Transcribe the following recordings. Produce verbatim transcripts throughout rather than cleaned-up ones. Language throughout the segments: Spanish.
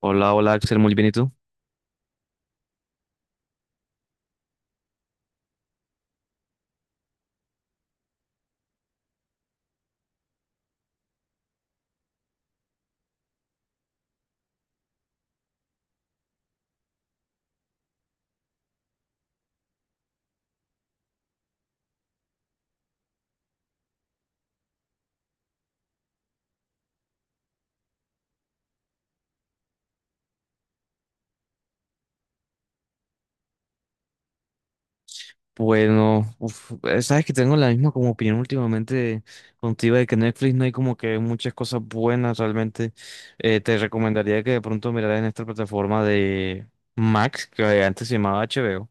Hola, hola Axel, muy bien, ¿y tú? Bueno, uf, eh, sabes que tengo la misma como opinión últimamente contigo de que Netflix no hay como que muchas cosas buenas realmente. Eh, te recomendaría que de pronto miraras en esta plataforma de Max, que antes se llamaba H B O.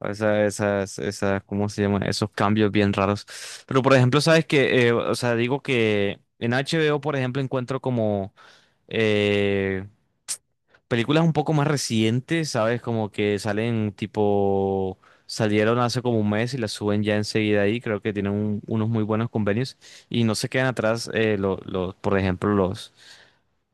Esa, esas, esas, ¿cómo se llama? Esos cambios bien raros. Pero por ejemplo, sabes que, eh, o sea, digo que en H B O, por ejemplo, encuentro como Eh, películas un poco más recientes, ¿sabes? Como que salen tipo, Salieron hace como un mes y las suben ya enseguida ahí. Creo que tienen un- unos muy buenos convenios y no se quedan atrás, eh, lo- los, por ejemplo, los,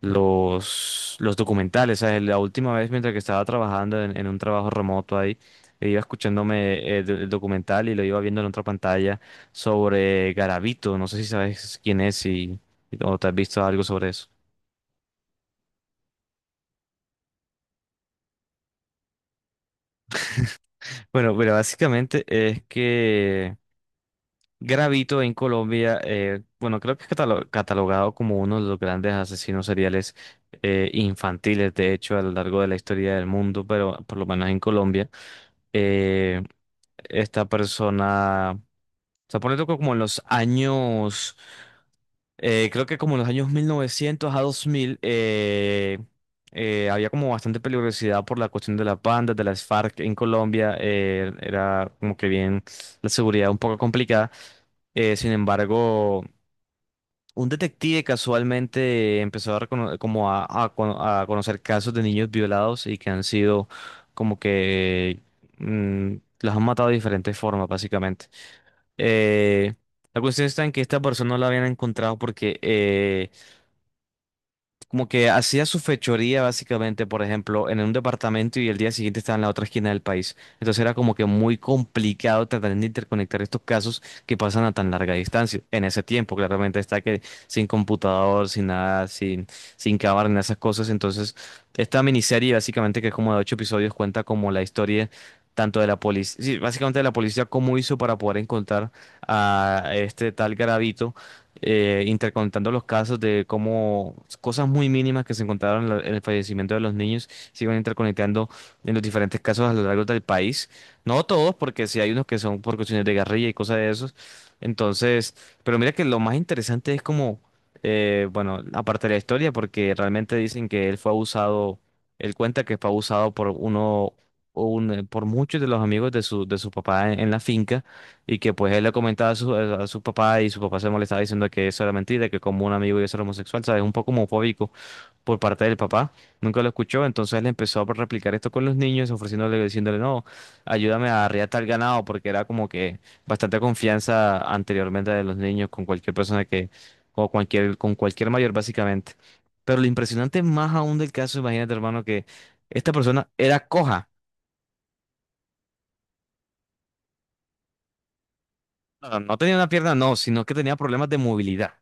los, los documentales. ¿Sabes? La última vez mientras que estaba trabajando en, en un trabajo remoto ahí, iba escuchándome eh, do- el, documental y lo iba viendo en otra pantalla sobre Garavito. No sé si sabes quién es, y o te has visto algo sobre eso. Bueno, pero básicamente es que Gravito en Colombia, eh, bueno, creo que es catalo- catalogado como uno de los grandes asesinos seriales eh, infantiles, de hecho, a lo largo de la historia del mundo, pero por lo menos en Colombia, eh, esta persona se pone como en los años, eh, creo que como en los años mil novecientos a dos mil. Eh, eh, había como bastante peligrosidad por la cuestión de las bandas, de las FARC en Colombia. Eh, era como que bien la seguridad un poco complicada. Eh, sin embargo, un detective casualmente empezó a, recono- como a, a cono- a conocer casos de niños violados y que han sido como que mm, los han matado de diferentes formas, básicamente. Eh, la cuestión está en que esta persona no la habían encontrado porque eh, como que hacía su fechoría básicamente, por ejemplo, en un departamento y el día siguiente estaba en la otra esquina del país. Entonces era como que muy complicado tratar de interconectar estos casos que pasan a tan larga distancia. En ese tiempo, claramente está que sin computador, sin nada, sin, sin cámara, ni esas cosas. Entonces, esta miniserie básicamente que es como de ocho episodios cuenta como la historia tanto de la policía, sí, básicamente de la policía cómo hizo para poder encontrar a este tal Garavito, eh, intercontando los casos de cómo cosas muy mínimas que se encontraron en la- en el fallecimiento de los niños se iban interconectando en los diferentes casos a lo largo del país. No todos, porque sí hay unos que son por cuestiones de guerrilla y cosas de esos. Entonces, pero mira que lo más interesante es como, eh, bueno, aparte de la historia, porque realmente dicen que él fue abusado, él cuenta que fue abusado por uno, un- por muchos de los amigos de su, de su papá en en la finca. Y que pues él le comentaba a su, a su papá y su papá se molestaba diciendo que eso era mentira, que como un amigo iba a ser homosexual, ¿sabes? Un poco homofóbico por parte del papá. Nunca lo escuchó, entonces él empezó a replicar esto con los niños, ofreciéndole, diciéndole, no, ayúdame a arriar tal ganado, porque era como que bastante confianza anteriormente de los niños con cualquier persona que, o cualquier, con cualquier mayor básicamente. Pero lo impresionante más aún del caso, imagínate, hermano, que esta persona era coja. No, no tenía una pierna, no, sino que tenía problemas de movilidad.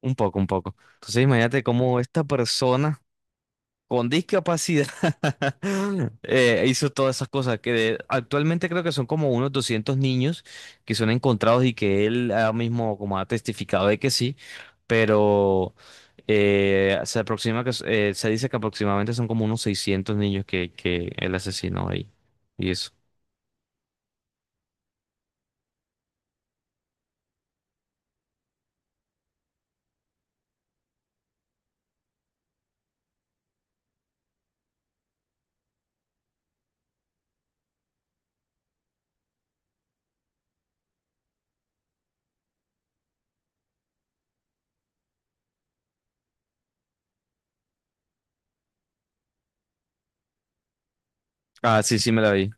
Un poco, un poco. Entonces imagínate cómo esta persona con discapacidad eh, hizo todas esas cosas que de- actualmente creo que son como unos doscientos niños que son encontrados y que él ahora mismo como ha testificado de que sí, pero eh, se aproxima que s- eh, se dice que aproximadamente son como unos seiscientos niños que, que él asesinó ahí. Y eso. Ah, sí, sí me la vi.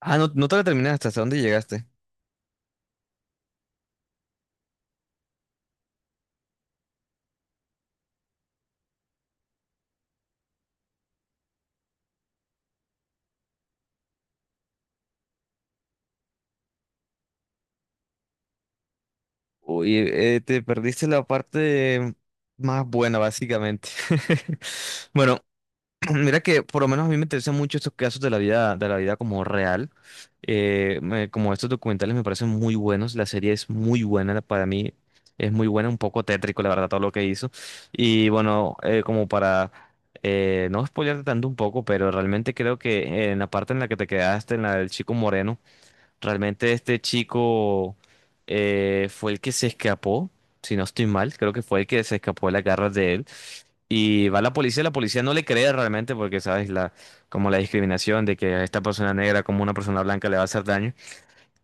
Ah, no, no te la terminaste, ¿hasta dónde llegaste? Oye, eh, te perdiste la parte más buena, básicamente. Bueno, mira que por lo menos a mí me interesan mucho estos casos de la vida, de la vida como real. Eh, me- como estos documentales me parecen muy buenos. La serie es muy buena la- para mí. Es muy buena, un poco tétrico, la verdad, todo lo que hizo. Y bueno, eh, como para eh, no spoilearte tanto un poco, pero realmente creo que en la parte en la que te quedaste, en la del chico moreno. Realmente este chico eh, fue el que se escapó, si no estoy mal, creo que fue el que se escapó de las garras de él. Y va la policía, la policía no le cree realmente porque, sabes, la, como la discriminación de que a esta persona negra como una persona blanca le va a hacer daño.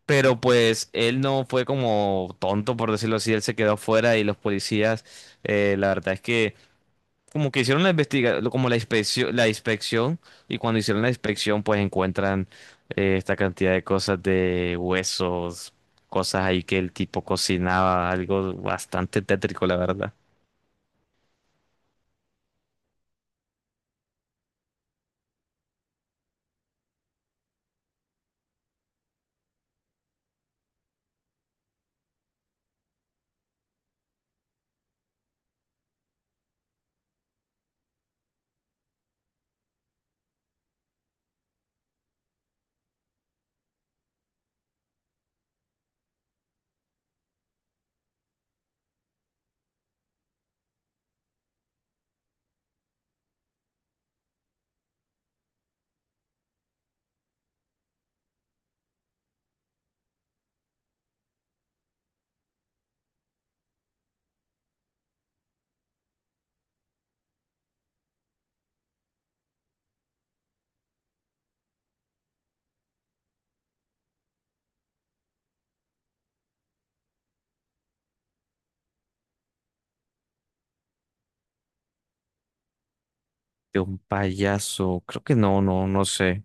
Pero pues él no fue como tonto, por decirlo así, él se quedó fuera y los policías, eh, la verdad es que como que hicieron la investiga, como la inspección, la inspección, y cuando hicieron la inspección, pues encuentran eh, esta cantidad de cosas de huesos, cosas ahí que el tipo cocinaba, algo bastante tétrico, la verdad. De un payaso, creo que no, no, no sé.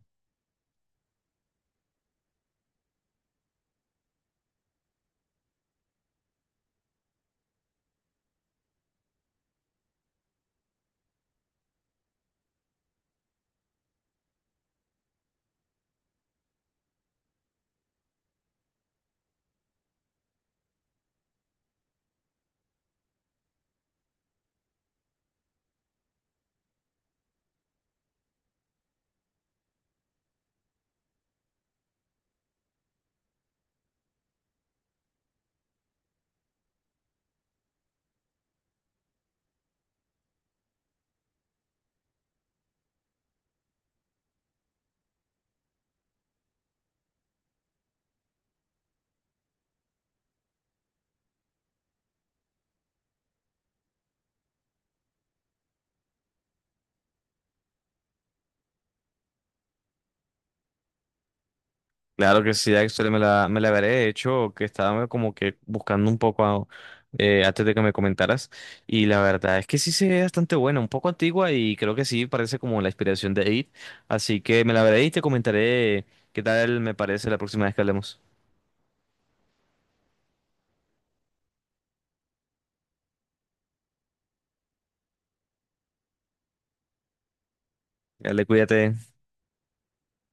Claro que sí, Axel, me la, me la veré. De hecho, que estaba como que buscando un poco a- eh, antes de que me comentaras. Y la verdad es que sí se ve bastante buena, un poco antigua y creo que sí parece como la inspiración de It. Así que me la veré y te comentaré qué tal me parece la próxima vez que hablemos. Dale, cuídate.